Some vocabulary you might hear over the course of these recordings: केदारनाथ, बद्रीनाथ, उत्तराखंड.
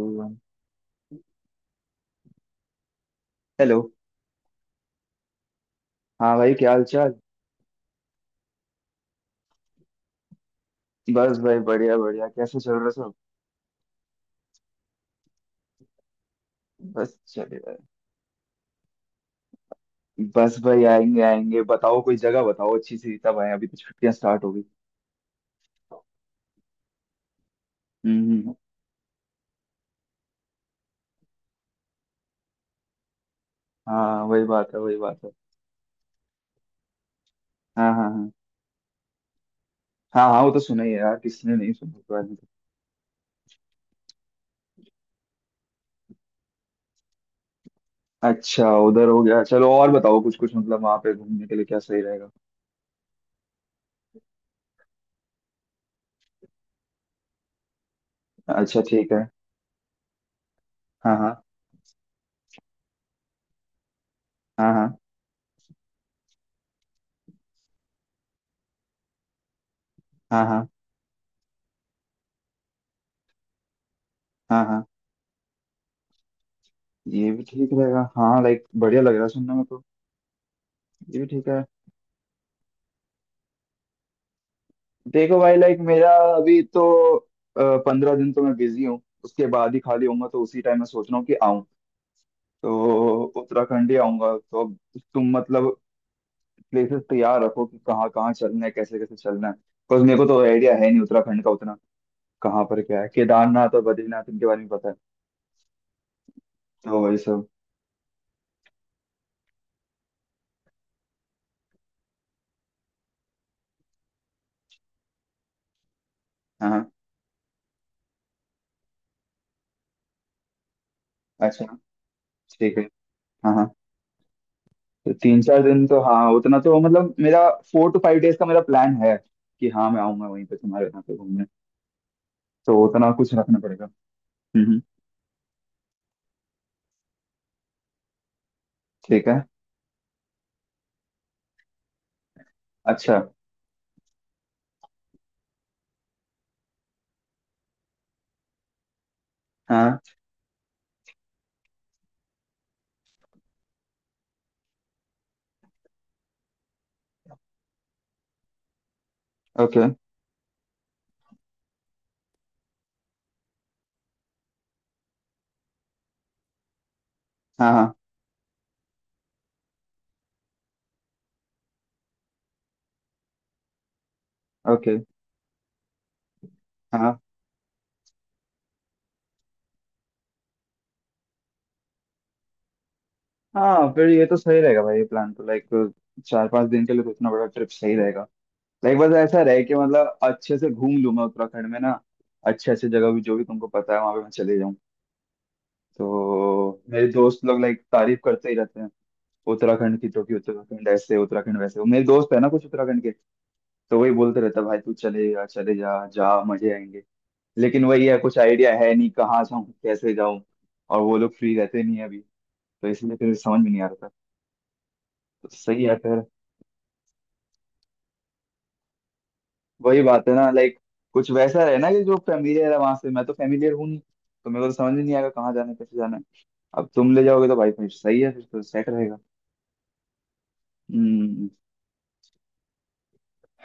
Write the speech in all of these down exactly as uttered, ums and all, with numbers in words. Hello. हाँ भाई, क्या हाल चाल। बस भाई, बढ़िया बढ़िया, कैसे चल रहा सब। बस चले भाई। बस भाई, आएंगे आएंगे, बताओ कोई जगह बताओ अच्छी सी, तब आए, अभी तो छुट्टियां स्टार्ट हो गई। हम्म हम्म, हम्म। हाँ वही बात है, वही बात है। हाँ हाँ हाँ। हाँ हाँ, वो तो सुना ही है यार, किसने नहीं सुना उसके बारे में तो। अच्छा उधर हो गया, चलो और बताओ कुछ कुछ, मतलब वहां पे घूमने के लिए क्या सही रहेगा। अच्छा ठीक है। हाँ हाँ। हाँ हाँ। हाँ हाँ। हाँ हाँ। हाँ। ये भी ठीक रहेगा, हाँ, लाइक बढ़िया लग रहा है सुनने में तो। ये भी ठीक है। देखो भाई, लाइक मेरा अभी तो पंद्रह दिन तो मैं बिजी हूँ, उसके बाद ही खाली होऊंगा, तो उसी टाइम मैं सोच रहा हूँ कि आऊँ, तो उत्तराखंड ही आऊंगा तो अब तुम मतलब प्लेसेस तैयार रखो कि कहाँ कहाँ चलना है, कैसे कैसे चलना है, बिकॉज मेरे को तो आइडिया है नहीं उत्तराखंड का उतना, कहाँ पर क्या है। केदारनाथ और बद्रीनाथ, इनके बारे में पता है तो ये सब। हाँ हाँ। अच्छा ठीक है। हाँ हाँ। तो तीन चार दिन तो हाँ उतना तो मतलब मेरा फोर टू फाइव डेज का मेरा प्लान है कि हाँ मैं आऊंगा वहीं पे तुम्हारे यहाँ पे घूमने, तो उतना कुछ रखना पड़ेगा। हम्म, हम्म। ठीक है। अच्छा। हाँ। ओके। हाँ हाँ। ओके। हाँ हाँ फिर ये तो सही रहेगा भाई, ये प्लान तो लाइक चार पांच दिन के लिए तो इतना बड़ा ट्रिप सही रहेगा। लाइक बस ऐसा रहे कि मतलब अच्छे से घूम लूँ मैं उत्तराखंड में ना, अच्छे अच्छे जगह भी जो भी तुमको पता है वहाँ पे मैं चले जाऊँ। तो मेरे दोस्त लोग लाइक तारीफ करते ही रहते हैं उत्तराखंड की, तो कि उत्तराखंड ऐसे, उत्तराखंड वैसे, मेरे दोस्त है ना कुछ उत्तराखंड के, तो वही बोलते रहता है, भाई तू चले जा चले जा, जा मजे आएंगे। लेकिन वही है, कुछ आइडिया है नहीं कहाँ जाऊँ कैसे जाऊँ, और वो लोग फ्री रहते नहीं है अभी, तो इसलिए फिर समझ में नहीं आ रहा था। तो सही है फिर। वही बात है ना, लाइक कुछ वैसा रहे ना कि जो फेमिलियर है वहां से, मैं तो फेमिलियर हूँ नहीं तो मेरे को तो समझ में नहीं आएगा कहाँ जाना है कैसे जाना है। अब तुम ले जाओगे तो भाई फिर सही है, फिर तो सेट रहेगा। हम्म।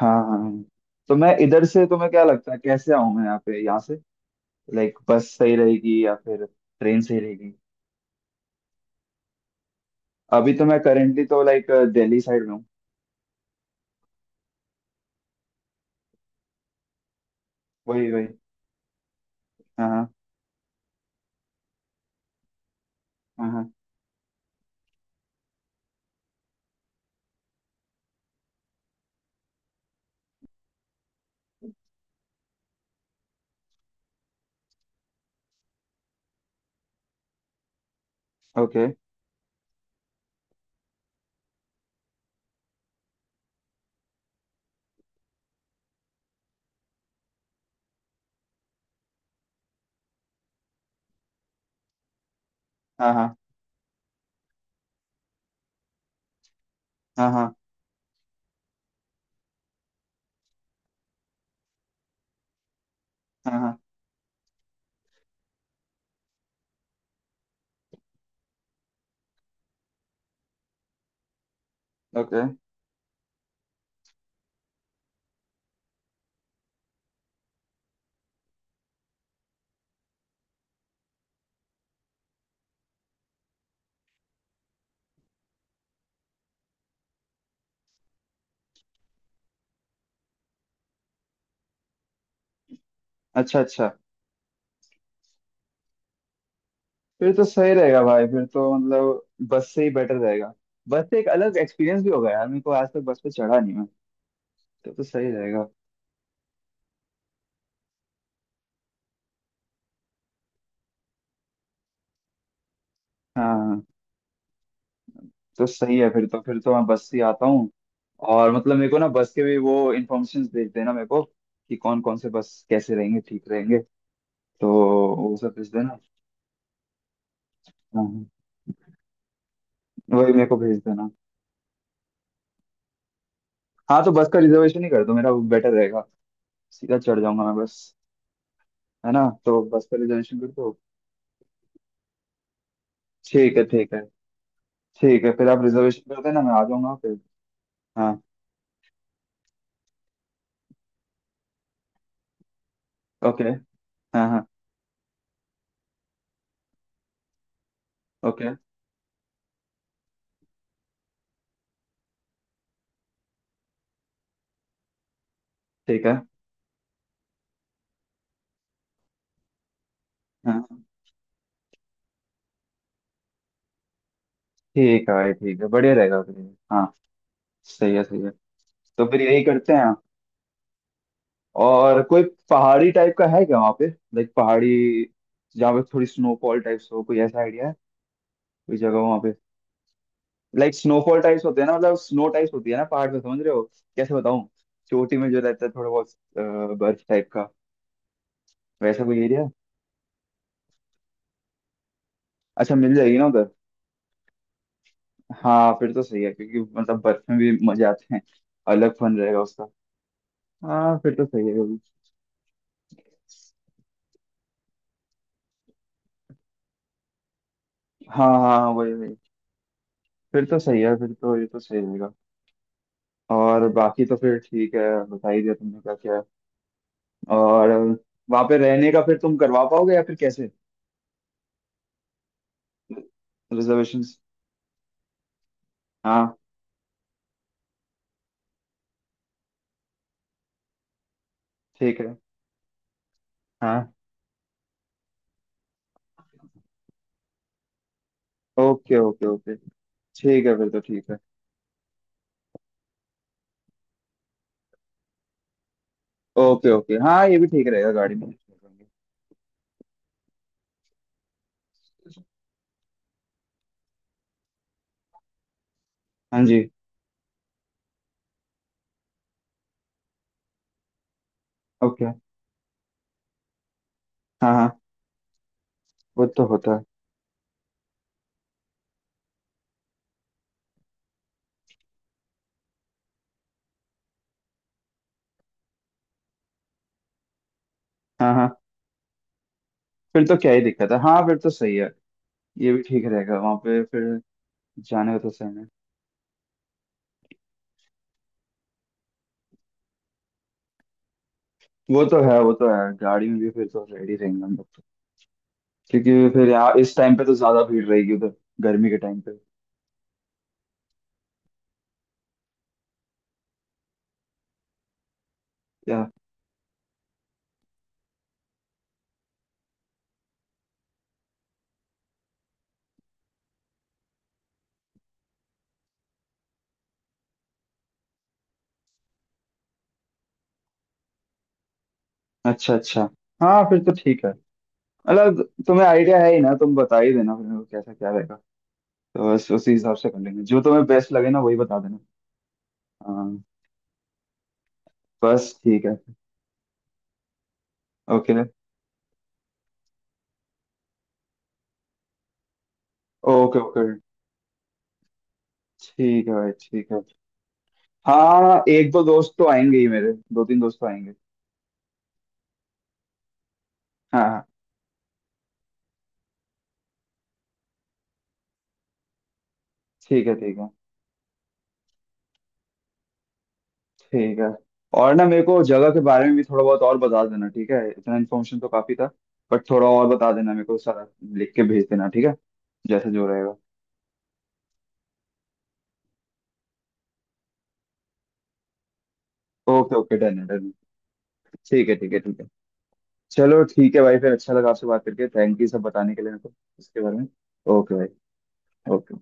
हाँ हाँ हाँ। तो मैं इधर से तुम्हें क्या लगता है कैसे आऊँ मैं यहाँ पे, यहाँ से लाइक बस सही रहेगी या फिर ट्रेन सही रहेगी। अभी तो मैं करेंटली तो लाइक दिल्ली साइड में हूँ। वही वही। हाँ हाँ। हाँ, हाँ। ओके। हाँ हाँ। हाँ हाँ। हाँ हाँ। ओके। अच्छा अच्छा, फिर तो सही रहेगा भाई, फिर तो मतलब बस से ही बेटर रहेगा। बस से एक अलग एक्सपीरियंस भी होगा यार, मेरे को आज तक बस पे चढ़ा नहीं मैं, तो तो सही रहेगा। हाँ हाँ। तो सही है फिर तो, फिर तो मैं बस से ही आता हूँ। और मतलब मेरे को ना बस के भी वो इन्फॉर्मेशन भेज देना मेरे को, कि कौन कौन से बस कैसे रहेंगे ठीक रहेंगे, तो वो सब भेज देना। हाँ हाँ। वही मेरे को भेज देना। हाँ, तो बस का रिजर्वेशन ही कर दो मेरा, बेटर रहेगा, सीधा चढ़ जाऊंगा मैं बस, है ना, तो बस का रिजर्वेशन कर दो। ठीक है ठीक है। ठीक है, फिर आप रिजर्वेशन कर देना मैं आ जाऊंगा फिर। हाँ। ओके। हाँ हाँ। ओके। ठीक है। हाँ। ठीक है भाई, ठीक है बढ़िया रहेगा फिर। हाँ। सही है, सही है। तो फिर यही करते हैं। और कोई पहाड़ी टाइप का है क्या वहाँ पे, लाइक पहाड़ी जहाँ पे थोड़ी स्नोफॉल टाइप्स हो, कोई ऐसा आइडिया है कोई जगह वहाँ पे। लाइक स्नोफॉल टाइप्स होते हैं ना, मतलब स्नो टाइप्स होती है ना पहाड़ पे, समझ रहे हो, कैसे बताऊँ, चोटी में जो रहता है थोड़ा बहुत अ, बर्फ टाइप का, वैसा कोई एरिया। अच्छा मिल जाएगी ना उधर। हाँ फिर तो सही है, क्योंकि मतलब बर्फ में भी मजे आते हैं, अलग फन रहेगा उसका। हाँ फिर तो सही है वो भी। हाँ हाँ हाँ, वही वही। फिर तो सही है फिर तो, ये तो सही रहेगा। और बाकी तो फिर ठीक है, बता ही दिया तुमने क्या क्या है। और वहाँ पे रहने का फिर तुम करवा पाओगे या फिर कैसे, रिजर्वेशंस। हाँ। ठीक है। हाँ। Okay okay okay. ठीक है फिर तो, ठीक है। ओके ओके, हाँ, ये भी ठीक रहेगा गाड़ी में। हाँ जी। ओके। हाँ हाँ। वो तो होता है। हाँ हाँ फिर तो क्या ही दिक्कत है, हाँ फिर तो सही है, ये भी ठीक रहेगा वहां पे फिर जाने का, तो सही है। वो तो है, वो तो है, गाड़ी में भी फिर तो रेडी रहेंगे हम लोग तो, क्योंकि फिर यहाँ इस टाइम पे तो ज्यादा भीड़ रहेगी उधर, गर्मी के टाइम पे। या। अच्छा अच्छा। हाँ फिर तो ठीक है, मतलब तुम्हें आइडिया है ही ना, तुम बता ही देना फिर मेरे को कैसा क्या रहेगा, तो बस उसी हिसाब से कर लेंगे, जो तुम्हें बेस्ट लगे ना वही बता देना। हाँ। बस ठीक है। Okay okay okay. ठीक है भाई, ठीक है। हाँ एक दो दोस्त तो आएंगे ही, मेरे दो तीन दोस्त तो आएंगे। हाँ हाँ। ठीक है ठीक है ठीक है। और ना मेरे को जगह के बारे में भी थोड़ा बहुत और बता देना, ठीक है, इतना इन्फॉर्मेशन तो काफी था बट थोड़ा और बता देना मेरे को सारा, लिख के भेज देना, ठीक है, जैसा जो रहेगा। ओके ओके, डन है डन है। ठीक है ठीक है ठीक है। चलो ठीक है भाई, फिर अच्छा लगा आपसे बात करके, थैंक यू सब बताने के लिए मेरे को इसके बारे में। ओके भाई। ओके।